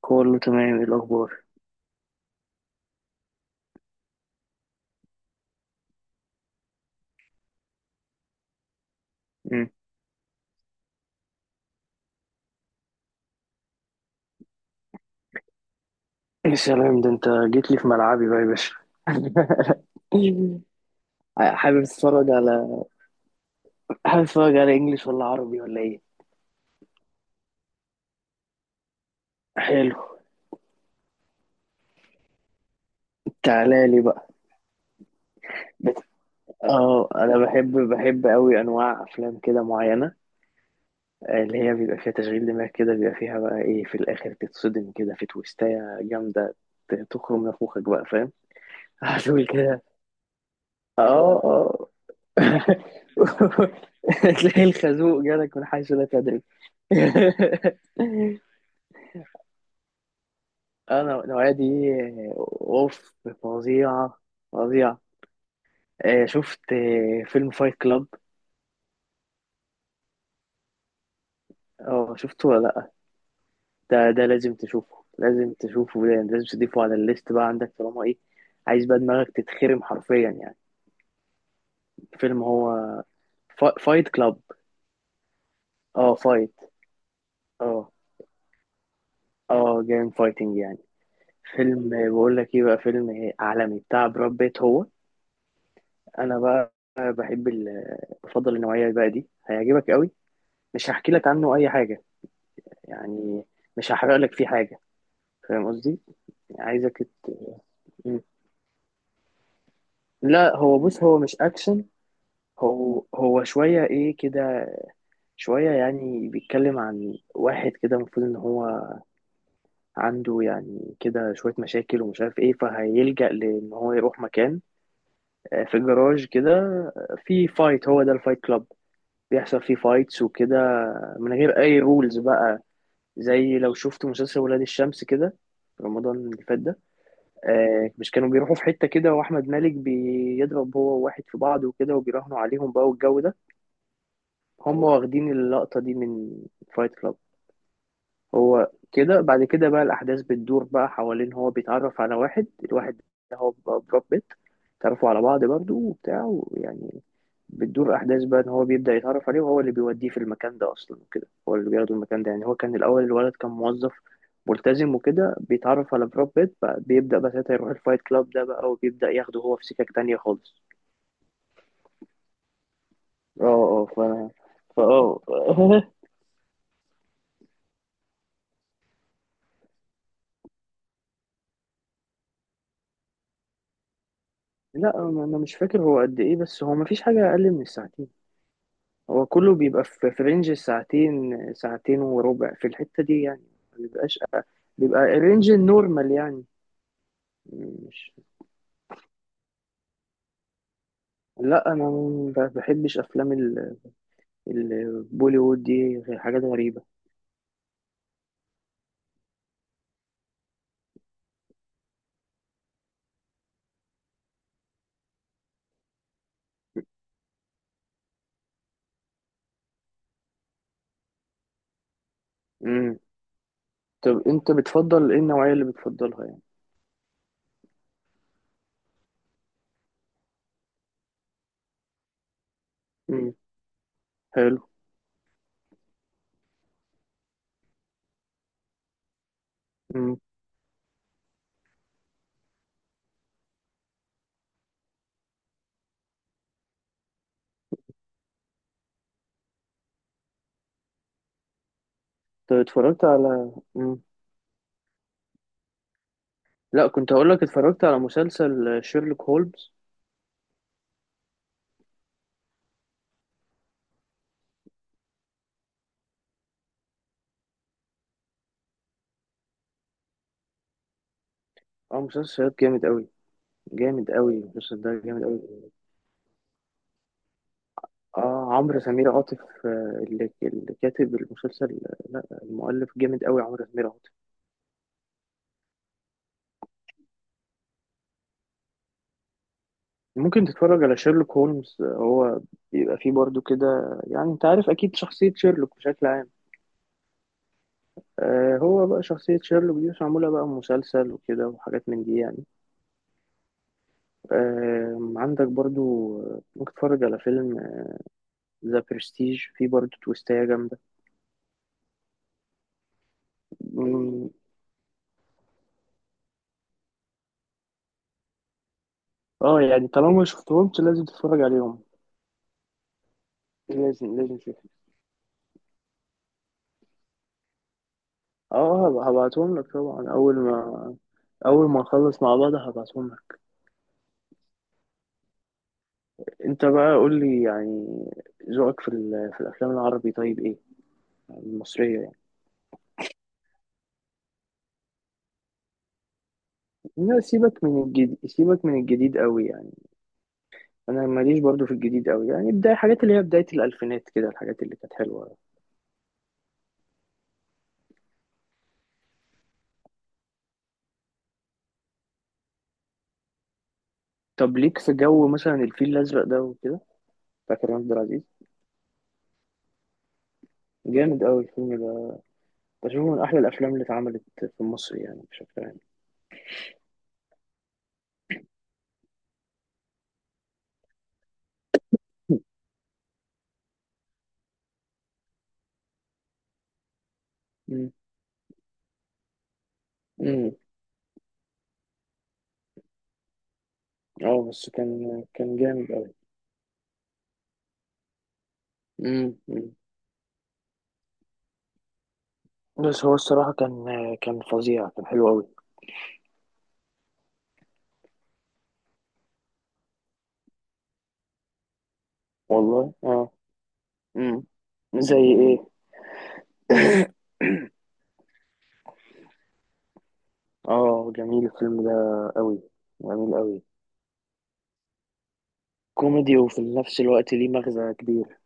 كله تمام، ايه الاخبار؟ مم. يا سلام، ده انت جيت لي في ملعبي بقى يا باشا. حابب تتفرج على حابب تتفرج على انجليش ولا عربي ولا ايه؟ حلو. تعالى لي بقى. بت... اه، انا بحب قوي انواع افلام كده معينه، اللي هي بيبقى فيها تشغيل دماغ كده، بيبقى فيها بقى ايه في الاخر، تتصدم كده في تويستايه جامده. تخرم نافوخك بقى، فاهم؟ هتقول كده. اه، اه. تلاقي الخازوق جالك من حيث لا تدري. انا النوعيه دي، اوف، فظيعه، فظيعه. شفت فيلم فايت كلاب؟ اه، شفته ولا لا؟ ده لازم تشوفه، لازم تشوفه، ده لازم تضيفه على الليست بقى عندك، طالما ايه. عايز بقى دماغك تتخرم حرفيا يعني. فيلم هو، فايت كلاب. اه، فايت. اه، اه، جيم فايتنج يعني. فيلم، بقول لك ايه، بقى فيلم عالمي بتاع براد بيت هو. انا بقى، بحب ال... بفضل النوعيه بقى دي، هيعجبك قوي. مش هحكي لك عنه اي حاجه، يعني، مش هحرق لك فيه حاجه. فاهم قصدي؟ عايزك، ت... م. لا، هو بص، هو مش اكشن. هو شويه ايه كده، شويه يعني، بيتكلم عن واحد كده المفروض ان هو عنده يعني كده شويه مشاكل، ومش عارف ايه، فهيلجأ لان هو يروح مكان، في جراج كده، في فايت، هو ده الفايت كلاب. بيحصل فيه فايتس وكده، من غير اي رولز بقى. زي لو شفت مسلسل ولاد الشمس كده في رمضان اللي فات ده. مش كانوا بيروحوا في حتة كده، وأحمد مالك بيضرب هو وواحد في بعض وكده، وبيراهنوا عليهم بقى والجو ده. هم واخدين اللقطة دي من فايت كلاب. هو كده بعد كده بقى الأحداث بتدور بقى حوالين، هو بيتعرف على واحد، الواحد ده هو براد بيت. تعرفوا على بعض برضو وبتاع، ويعني بتدور أحداث بقى إن هو بيبدأ يتعرف عليه، وهو اللي بيوديه في المكان ده أصلا وكده، هو اللي بياخده المكان ده يعني. هو كان الأول الولد كان موظف ملتزم وكده، بيتعرف على براد بيت بقى، بيبدأ بقى ساعتها يروح الفايت كلاب ده بقى، وبيبدأ ياخده هو في سكك تانية خالص. اه، اه، فأنا فأه لا، أنا مش فاكر هو قد إيه، بس هو مفيش حاجة أقل من الساعتين. هو كله بيبقى في رينج ساعتين، ساعتين وربع في الحتة دي يعني، ما بيبقاش، بيبقى رينج النورمال يعني. مش... لا، انا ما بحبش افلام البوليوود دي، حاجات غريبة. امم. طب انت بتفضل ايه النوعية اللي بتفضلها يعني؟ امم. حلو. امم. طب اتفرجت على... لا، كنت هقول لك، اتفرجت على مسلسل شيرلوك هولمز. اه، مسلسل جامد قوي، جامد قوي المسلسل ده، جامد قوي. اه، عمرو سمير عاطف، اللي كاتب المسلسل. لا، المؤلف جامد قوي، عمرو سمير عاطف. ممكن تتفرج على شيرلوك هولمز، هو بيبقى فيه برضو كده. يعني انت عارف اكيد شخصية شيرلوك بشكل عام. هو بقى شخصية شيرلوك دي مش معمولة بقى مسلسل وكده وحاجات من دي يعني. عندك برضو، ممكن تتفرج على فيلم ذا برستيج، فيه برضو تويستاية جامدة. مم، اه، يعني طالما ما شفتهمش لازم تتفرج عليهم، لازم، لازم تشوف. اه، هبعتهم لك طبعا، اول ما نخلص مع بعض هبعتهم لك. انت بقى قول لي يعني، ذوقك في في الافلام العربي طيب ايه، يعني المصريه يعني. لا، سيبك من الجديد، سيبك من الجديد قوي يعني. انا ماليش برضو في الجديد قوي يعني، بدايه حاجات اللي هي بدايه الالفينات كده، الحاجات اللي كانت حلوه. طب ليك في جو مثلا الفيل الازرق ده وكده، بتاع كريم عبد العزيز؟ جامد قوي الفيلم ده، بشوفه من احلى الافلام اللي اتعملت في مصر يعني، بشكل عام. امم. أمم. اه، بس كان جامد قوي. مم. مم. بس هو الصراحة كان فظيع، كان حلو أوي. والله، اه. مم. زي ايه؟ اه، جميل الفيلم ده، أوي، جميل أوي، كوميدي وفي نفس الوقت ليه مغزى كبير.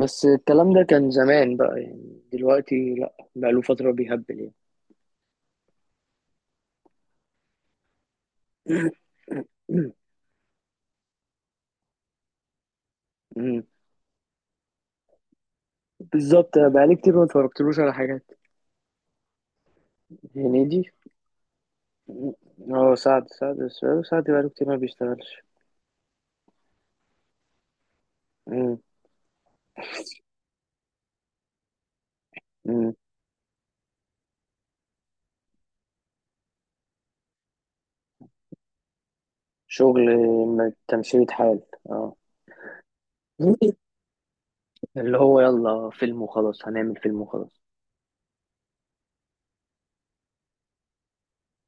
بس الكلام ده كان زمان بقى، يعني دلوقتي لأ، بقاله فترة بيهبل يعني. مم. بالظبط، بقالي كتير ما اتفرجتلوش على حاجات. هنيدي. اه، سعد السؤال، سعد بقاله كتير ما بيشتغلش. مم. مم. شغل، تمشية حال، اه. اللي هو يلا فيلم وخلاص، هنعمل فيلم وخلاص.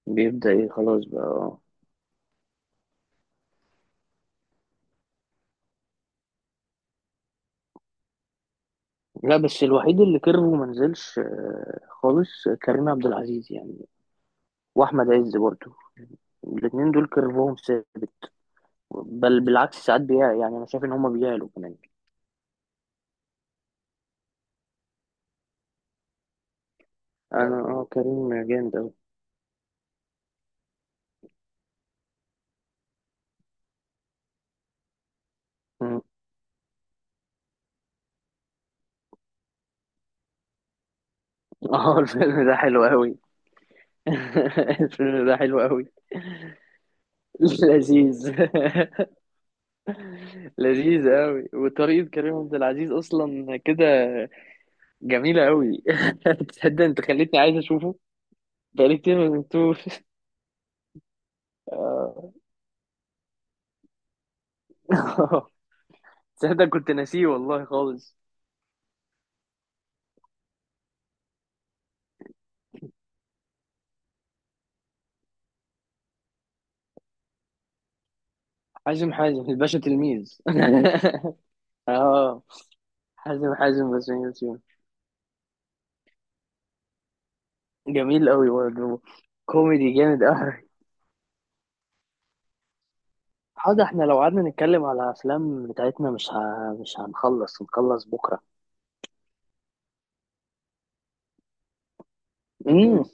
بيبدأ ايه خلاص بقى، آه. لا، بس الوحيد اللي كرهه ما نزلش خالص كريم عبد العزيز يعني، واحمد عز برضه. الاتنين دول كرفهم ثابت، بل بالعكس، ساعات بيع يعني، انا شايف ان هما بيعلوا كمان. انا، اه، كريم جامد اوي. مم. اه، الفيلم ده حلو اوي. الفيلم ده حلو اوي. لذيذ. لذيذ اوي، وطريقة كريم عبد العزيز اصلا كده جميلة أوي. تصدق؟ أنت خليتني عايز أشوفه. بقالي كتير ما شفتوش. آه. تصدق؟ كنت ناسيه والله خالص. حازم حازم الباشا تلميذ. اه. حازم حازم بس، من يوتيوب. جميل أوي برضه، كوميدي جامد أوي. حاضر، احنا لو قعدنا نتكلم على أفلام بتاعتنا، مش هنخلص بكرة. مم.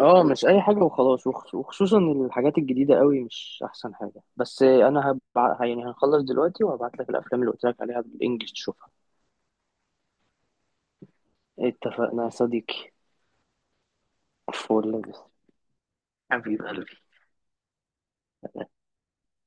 اه، مش اي حاجه وخلاص، وخصوصا الحاجات الجديده قوي مش احسن حاجه، بس انا يعني هنخلص دلوقتي، وهبعت لك الافلام اللي قلت لك عليها بالانجلش تشوفها. اتفقنا يا صديقي. فول، حبيبي.